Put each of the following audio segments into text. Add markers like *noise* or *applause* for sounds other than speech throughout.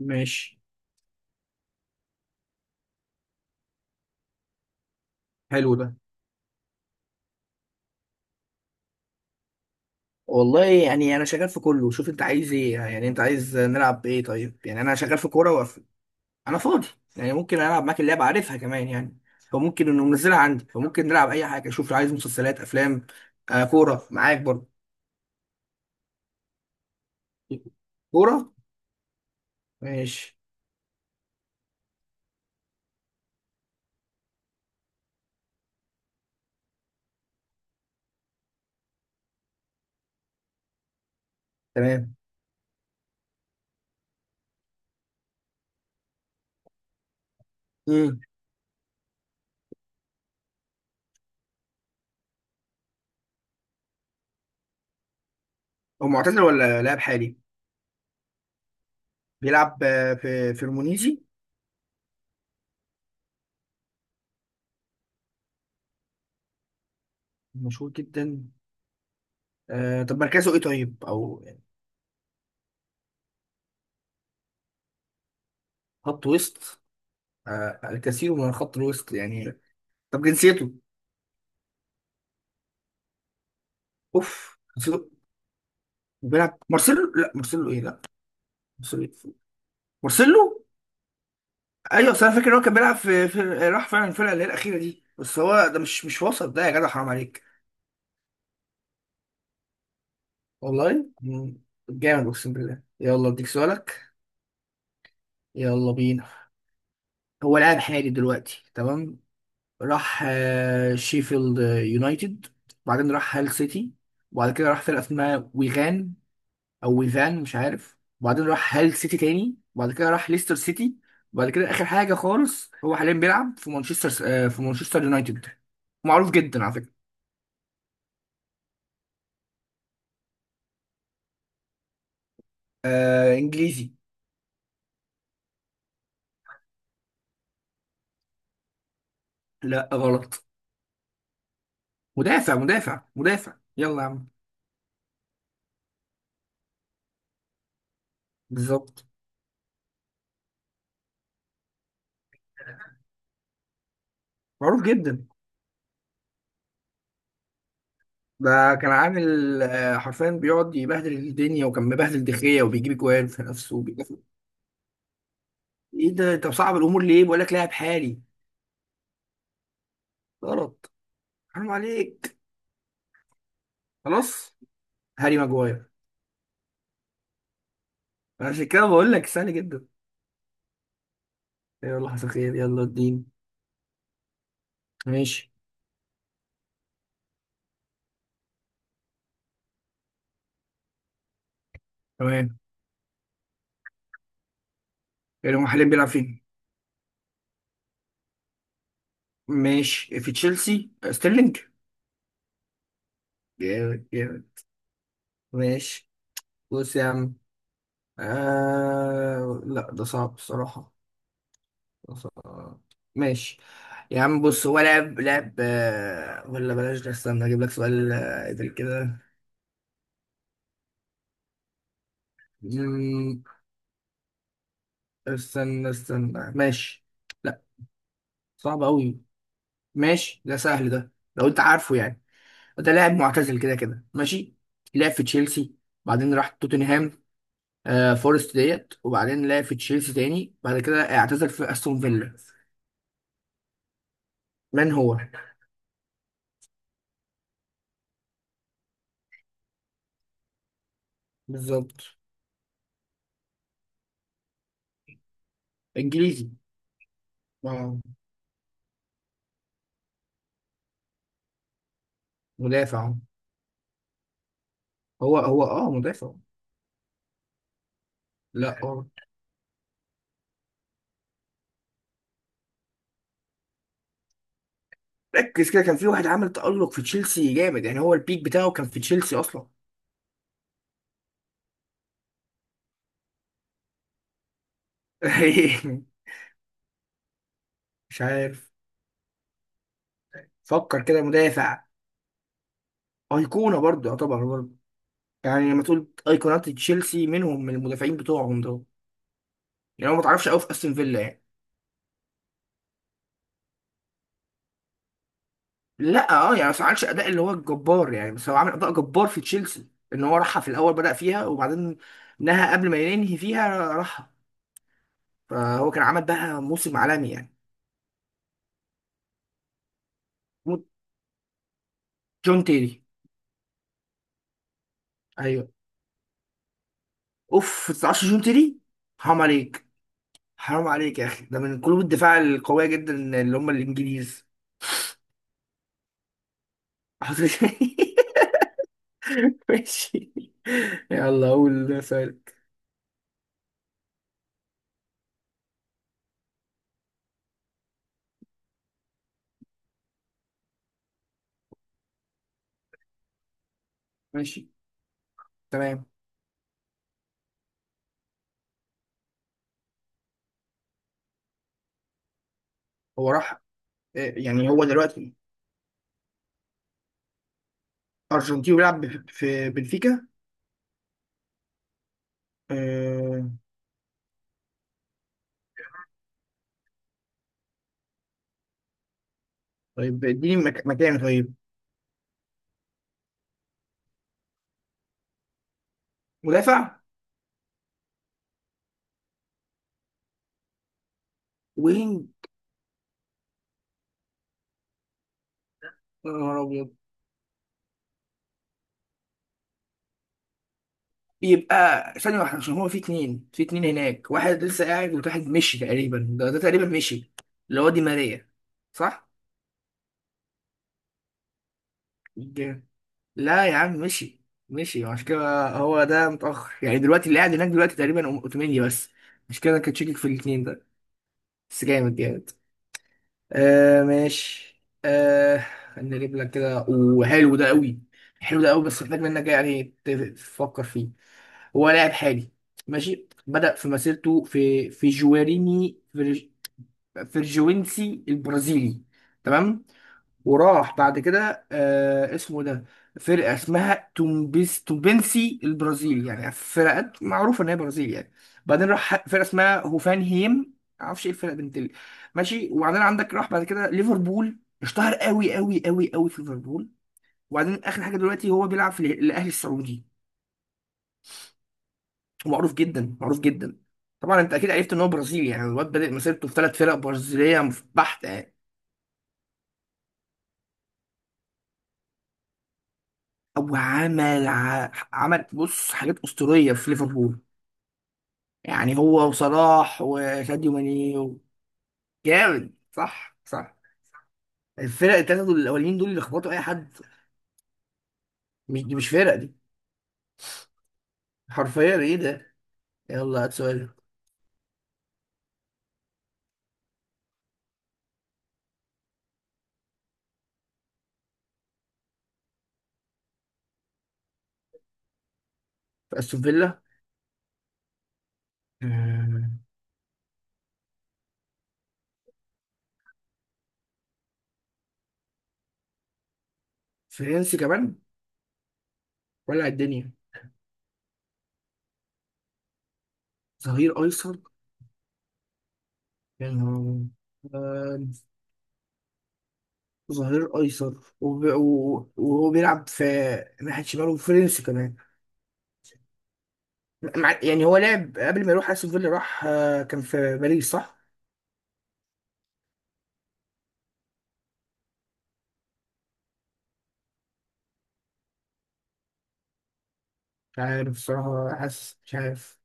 ماشي. حلو ده. والله يعني انا شغال في كله، شوف انت عايز ايه، يعني انت عايز نلعب بايه؟ طيب يعني انا شغال في كوره وقف. انا فاضي، يعني ممكن العب معاك اللعبه، عارفها كمان يعني، فممكن انه منزلها عندي، فممكن نلعب اي حاجه. شوف لو عايز مسلسلات افلام. آه كوره معاك برضه. كوره. ماشي. تمام. امم. هو معتزل ولا لاعب حالي؟ بيلعب في المونيزي. مشهور جدا. آه طب مركزه ايه طيب او يعني؟ خط وسط. آه الكثير من خط الوسط يعني. طب جنسيته؟ اوف جنسيته. بيلعب مارسيلو، لا مارسيلو، ايه لا؟ مارسيلو إيه؟ مارسيلو. ايوه بس انا فاكر ان هو كان بيلعب في. راح فعلا الفرقه اللي هي الاخيره دي، بس هو ده مش وسط ده يا جدع، حرام عليك. والله جامد، اقسم بالله. يلا اديك سؤالك. يلا بينا. هو لاعب حالي دلوقتي، تمام. راح شيفيلد يونايتد، وبعدين راح هال سيتي، وبعد كده راح فرقه اسمها ويغان او ويفان مش عارف، وبعدين راح هال سيتي تاني، وبعد كده راح ليستر سيتي، وبعد كده اخر حاجه خالص هو حاليا بيلعب في مانشستر، في مانشستر يونايتد. معروف جدا على فكره. آه انجليزي. لا غلط. مدافع مدافع يلا يا عم. بالظبط. معروف جدا ده. كان عامل حرفيا بيقعد يبهدل الدنيا، وكان مبهدل دخية وبيجيب جوان في نفسه وبيدافع. ايه ده، انت مصعب الامور ليه؟ بقول لك لاعب حالي. غلط. حرام عليك. خلاص. هاري ماجواير. عشان كده بقول لك سهل جدا. يلا حصل خير، يلا الدين. ماشي. تمام. يعني هم حاليا بيلعب فين؟ ماشي، في تشيلسي، ستيرلينج. جامد جامد. ماشي. بص يا عم، لا ده صعب الصراحة. ده صعب. ماشي. يا عم بص، هو لعب ولا بلاش ده، استنى اجيب لك سؤال قبل كده. مم، استنى. ماشي. لا صعب قوي. ماشي ده سهل، ده لو انت عارفه يعني. ده لاعب معتزل كده كده، ماشي. لعب في تشيلسي، بعدين راح توتنهام، آه فورست ديت، وبعدين لعب في تشيلسي تاني، بعد كده اعتزل في استون فيلا. من هو؟ بالظبط. انجليزي. اه. مدافع، هو اه مدافع. لا اه. ركز كده، كان في واحد عمل تألق في تشيلسي جامد، يعني هو البيك بتاعه كان في تشيلسي اصلا. *laughs* مش عارف. فكر كده، مدافع، ايقونة برضه يعتبر برضه. يعني لما تقول ايقونات تشيلسي منهم، من المدافعين بتوعهم دول. يعني هو ما تعرفش قوي في استون فيلا يعني. لا اه يعني، بس ما عملش اداء اللي هو الجبار يعني، بس هو عامل اداء جبار في تشيلسي، ان هو راحها في الاول بدأ فيها وبعدين نهى، قبل ما ينهي فيها راحها، فهو كان عمل بقى موسم عالمي يعني. موت- جون تيري. ايوه. اوف ما تعرفش جون تيري، حرام عليك. حرام عليك يا اخي، ده من قلوب الدفاع القويه جدا، اللي هم الانجليز. حاضر. *laughs* ماشي. يلا قول سؤالك. ماشي. تمام. هو راح يعني هو دلوقتي. أرجنتيني بيلعب في بنفيكا. آه طيب اديني مكان طيب. مدافع. وينج. يا نهار أبيض. يبقى ثانية واحدة، عشان هو في اتنين في اتنين هناك، واحد لسه قاعد وواحد مشي تقريبا، ده تقريبا مشي اللي هو دي ماريا، صح؟ جامد. لا يا عم مشي. مشي، عشان كده هو ده متأخر يعني، دلوقتي اللي قاعد هناك دلوقتي تقريبا أوتوميني بس. مش كده، أنا كنت شاكك في الاتنين ده. بس جامد جامد. آه ماشي آه. خليني اجيب لك كده، وحلو ده قوي. حلو ده قوي، بس محتاج منك إيه يعني، تفكر فيه. هو لاعب حالي، ماشي. بدأ في مسيرته في جواريني فيرجوينسي البرازيلي، تمام. وراح بعد كده آه اسمه إيه ده، فرقة اسمها تومبيس تومبنسي البرازيل، يعني فرقات معروفة ان هي برازيل يعني. بعدين راح فرقة اسمها هوفان هيم، معرفش ايه الفرقة بنت ماشي. وبعدين عندك راح بعد كده ليفربول، اشتهر قوي قوي قوي قوي في ليفربول. وبعدين اخر حاجة دلوقتي هو بيلعب في الاهلي السعودي. معروف جدا معروف جدا. طبعا انت اكيد عرفت ان هو برازيلي، يعني الواد بادئ مسيرته في ثلاث فرق برازيلية بحتة يعني. وعمل عمل بص حاجات اسطوريه في ليفربول. يعني هو وصلاح وساديو ماني و-. جامد صح صح. الفرق التلاتة دول الأولين دول اللي خبطوا أي حد، مش دي، مش فرق دي. حرفيا إيه ده. يلا هات سؤال. أستون فيلا، آه، فرنسي كمان. ولع الدنيا. ظهير أيسر. يعني هو، آه، ظهير أيسر، وهو بيلعب في ناحية شمال، وفرنسي كمان. يعني هو لعب قبل ما يروح أستون فيلا، راح كان في باريس صح؟ مش عارف الصراحة، حاسس مش عارف.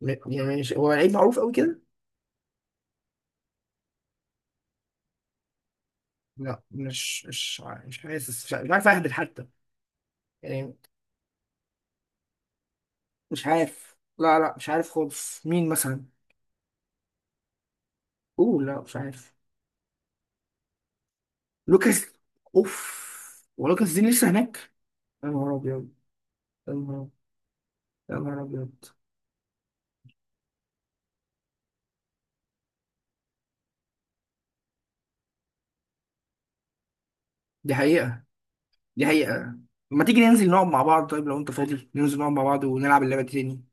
يعني مش هو لعيب معروف قوي كده؟ لا مش حاسس، مش عارف اهبط حتى يعني. مش عارف، لا لا مش عارف خالص، مين مثلا. اوه لا مش عارف. لوكاس. اوف. ولوكاس دين لسه هناك؟ يا نهار ابيض. يا نهار، يا نهار ابيض. دي حقيقة. دي حقيقة. ما تيجي ننزل نقعد مع بعض، طيب لو انت فاضي ننزل نقعد مع بعض ونلعب اللعبة دي تاني.